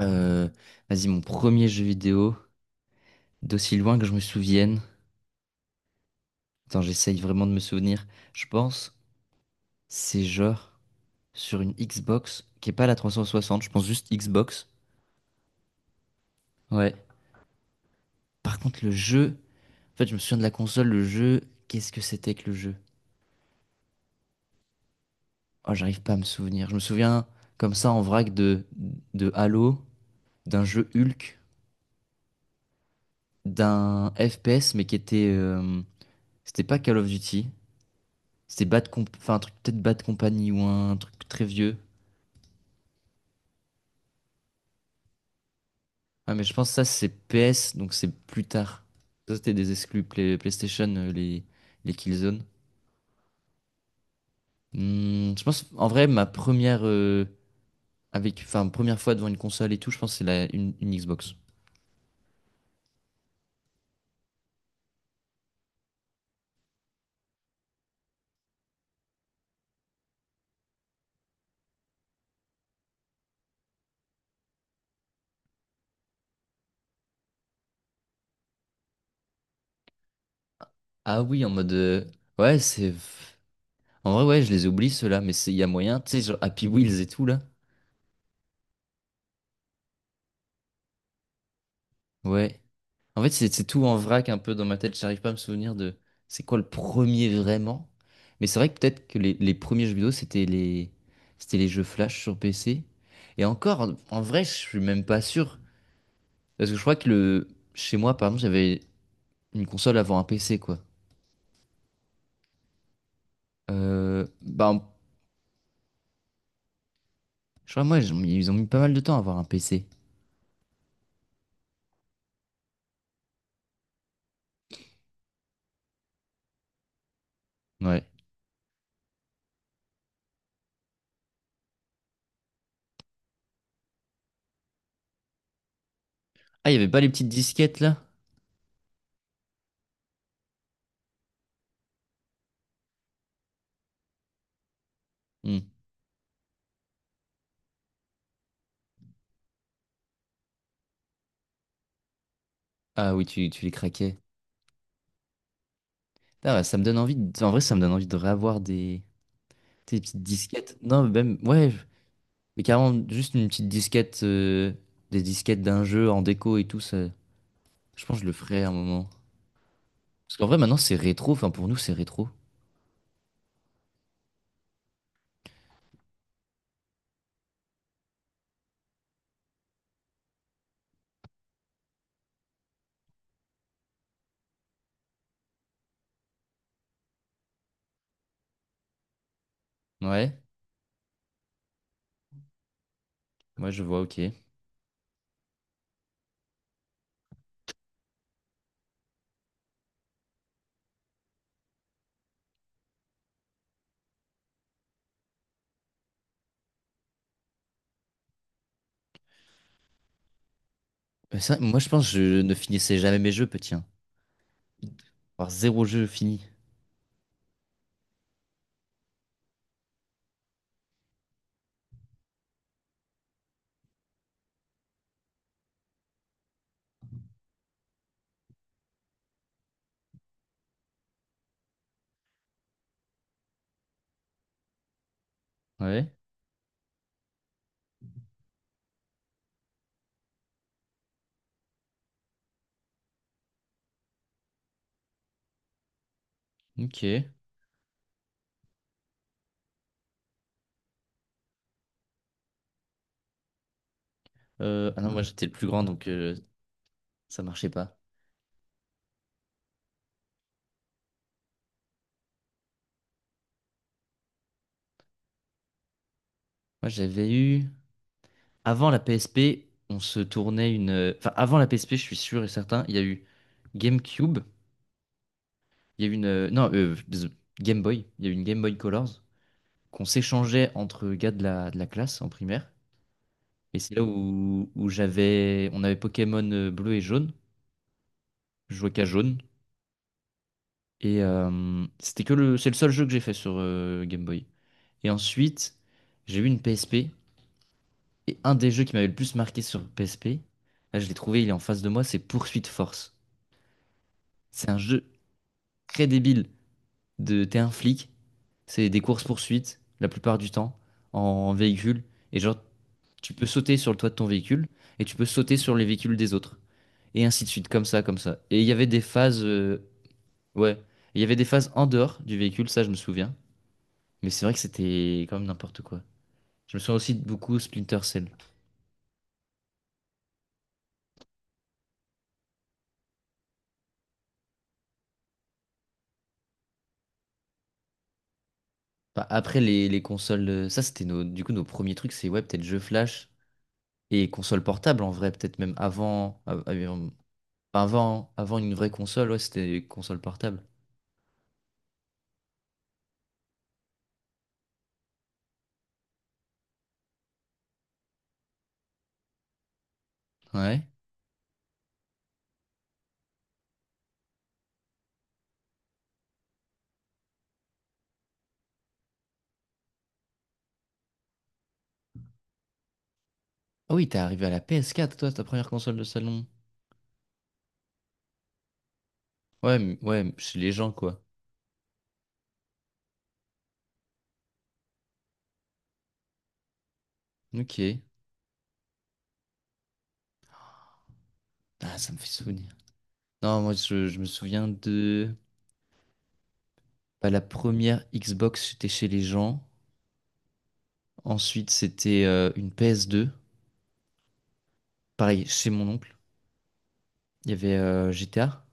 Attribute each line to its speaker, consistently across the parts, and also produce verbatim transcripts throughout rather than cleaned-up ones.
Speaker 1: Euh, vas-y, mon premier jeu vidéo, d'aussi loin que je me souvienne. Attends, j'essaye vraiment de me souvenir. Je pense, c'est genre sur une Xbox, qui est pas la trois cent soixante, je pense juste Xbox. Ouais. Par contre, le jeu, en fait, je me souviens de la console, le jeu, qu'est-ce que c'était que le jeu? Oh, j'arrive pas à me souvenir. Je me souviens comme ça en vrac de, de Halo, d'un jeu Hulk, d'un F P S, mais qui était. Euh, c'était pas Call of Duty, c'était Bad Comp, enfin, un truc, peut-être Bad Company ou un truc très vieux. Ah, mais je pense que ça, c'est P S, donc c'est plus tard. Ça, c'était des exclus Play- PlayStation, euh, les, les Killzone. Hmm, je pense, en vrai, ma première, euh, avec, enfin, première fois devant une console et tout, je pense que c'est la, une, une Xbox. Ah oui, en mode. Euh, ouais, c'est. En vrai, ouais, je les oublie, ceux-là, mais c'est- il y a moyen, tu sais, genre Happy Wheels et tout, là. Ouais. En fait, c'est c'est tout en vrac un peu dans ma tête. J'arrive pas à me souvenir de c'est quoi le premier vraiment. Mais c'est vrai que peut-être que les, les premiers jeux vidéo, c'était les, c'était les jeux Flash sur P C. Et encore, en vrai, je suis même pas sûr. Parce que je crois que le, chez moi, par exemple, j'avais une console avant un P C, quoi. Euh, bah, je crois, moi, ils ont mis ils ont mis pas mal de temps à avoir un P C. Ouais. Ah, il y avait pas les petites disquettes, là? Hmm. Ah oui, tu, tu les craquais. Ah, bah, ça me donne envie, de- en vrai, ça me donne envie de réavoir des, des petites disquettes. Non, mais même, ouais. Mais carrément, juste une petite disquette, euh, des disquettes d'un jeu en déco et tout, ça, je pense que je le ferai à un moment. Parce qu'en vrai, maintenant, c'est rétro, enfin, pour nous, c'est rétro. Ouais, ouais, je vois, ok. Mais c'est vrai, moi, je pense que je ne finissais jamais mes jeux, petit, hein. Avoir zéro jeu fini. Ouais, ok. Euh, ah non, moi, j'étais le plus grand, donc euh, ça marchait pas. Moi, j'avais eu... Avant la P S P, on se tournait une... euh, enfin, avant la P S P, je suis sûr et certain, il y a eu GameCube, il y a eu une... euh, Non, euh, Game Boy, il y a eu une Game Boy Colors, qu'on s'échangeait entre gars de la, de la classe en primaire. Et c'est là où, où j'avais, on avait Pokémon euh, bleu et jaune. Je jouais qu'à jaune. Et euh, c'était que le, c'est le seul jeu que j'ai fait sur euh, Game Boy. Et ensuite, j'ai eu une P S P. Et un des jeux qui m'avait le plus marqué sur P S P, là je l'ai trouvé, il est en face de moi, c'est Poursuite Force. C'est un jeu très débile. De, t'es un flic, c'est des courses-poursuites la plupart du temps en véhicule. Et genre, tu peux sauter sur le toit de ton véhicule et tu peux sauter sur les véhicules des autres. Et ainsi de suite, comme ça, comme ça. Et il y avait des phases, euh, ouais, il y avait des phases en dehors du véhicule, ça je me souviens. Mais c'est vrai que c'était quand même n'importe quoi. Je me souviens aussi de beaucoup Splinter Cell. Enfin, après les, les consoles, euh, ça c'était nos, du coup nos premiers trucs, c'est ouais, peut-être jeux flash et consoles portables en vrai, peut-être même avant, av- avant, avant, avant une vraie console, ouais, c'était console portable. Ouais. Ah oui, t'es arrivé à la P S quatre, toi, ta première console de salon. Ouais, m- ouais, chez les gens, quoi. Ok. Ah, ça me fait souvenir. Non, moi, je, je me souviens de... bah, la première Xbox, c'était chez les gens. Ensuite, c'était euh, une ps deux, pareil, chez mon oncle. Il y avait euh, G T A.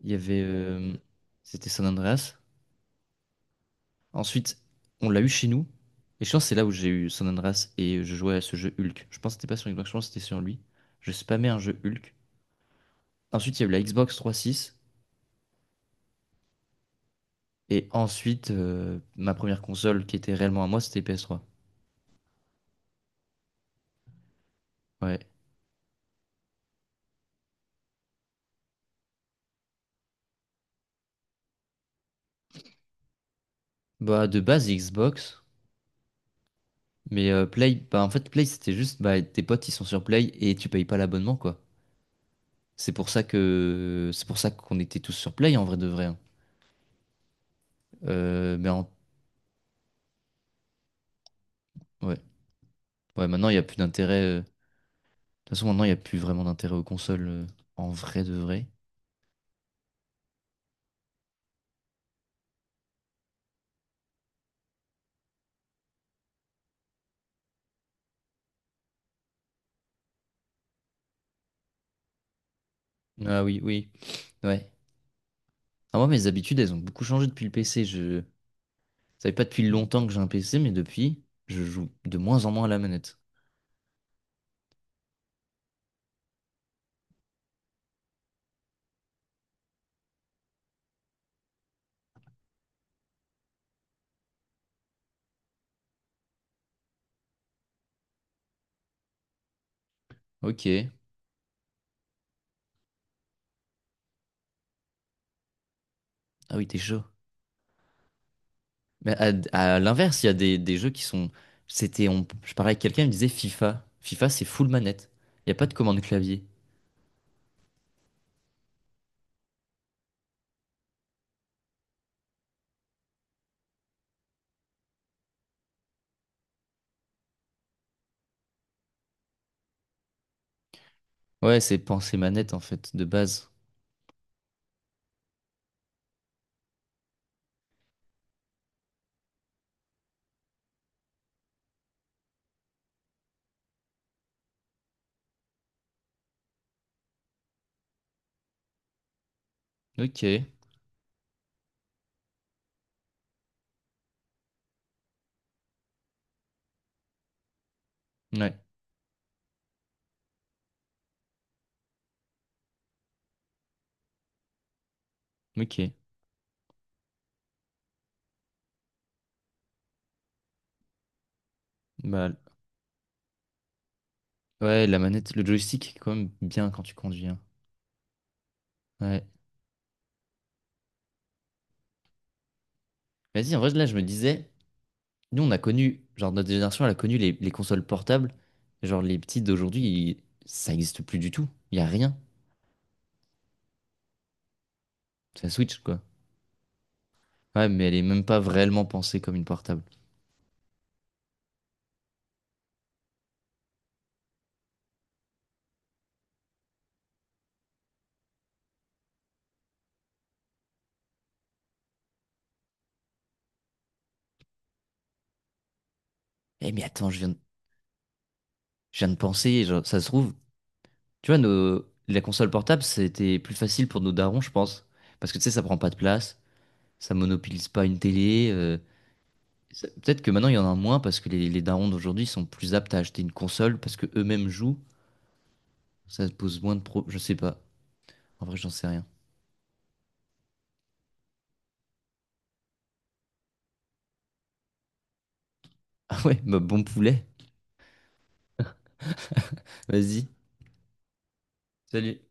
Speaker 1: Il y avait... euh, c'était San Andreas. Ensuite, on l'a eu chez nous. Et je pense que c'est là où j'ai eu San Andreas et je jouais à ce jeu Hulk. Je pense que c'était pas sur Xbox, je pense que c'était sur lui. Je spammais un jeu Hulk. Ensuite, il y a eu la Xbox trois six. Et ensuite, euh, ma première console qui était réellement à moi, c'était ps trois. Ouais. Bah, de base, Xbox. Mais euh, Play, bah, en fait, Play, c'était juste, bah, tes potes, ils sont sur Play et tu payes pas l'abonnement, quoi. C'est pour ça que, c'est pour ça qu'on était tous sur Play, en vrai de vrai, hein. Euh, mais en- ouais. Ouais, maintenant, il y a plus d'intérêt. euh, De toute façon, maintenant, il y a plus vraiment d'intérêt aux consoles, euh, en vrai de vrai. Ah oui, oui. Ouais. Ah, moi, mes habitudes, elles ont beaucoup changé depuis le P C. Je savais pas depuis longtemps que j'ai un P C, mais depuis, je joue de moins en moins à la manette. Ok. Ah oui, t'es chaud. Mais à, à l'inverse, il y a des, des jeux qui sont. C'était, on, je parlais avec quelqu'un, il me disait FIFA. FIFA, c'est full manette. Il n'y a pas de commande clavier. Ouais, c'est pensée manette en fait, de base. Ok. Ouais. Ok. Bah, ouais, la manette, le joystick est quand même bien quand tu conduis, hein. Ouais. Vas-y, en vrai, là, je me disais, nous, on a connu, genre, notre génération, elle a connu les, les consoles portables. Genre, les petites d'aujourd'hui, ils- ça n'existe plus du tout. Il n'y a rien. C'est la Switch, quoi. Ouais, mais elle est même pas réellement pensée comme une portable. Eh, mais attends, je viens de je viens de penser, genre, ça se trouve, tu vois, nos... la console portable, c'était plus facile pour nos darons, je pense. Parce que tu sais, ça prend pas de place, ça monopolise pas une télé. euh, ça- Peut-être que maintenant, il y en a moins parce que les, les darons d'aujourd'hui sont plus aptes à acheter une console parce que eux-mêmes jouent. Ça pose moins de pro... Je sais pas. En vrai, j'en sais rien. Ah ouais, bah bon poulet. Vas-y. Salut.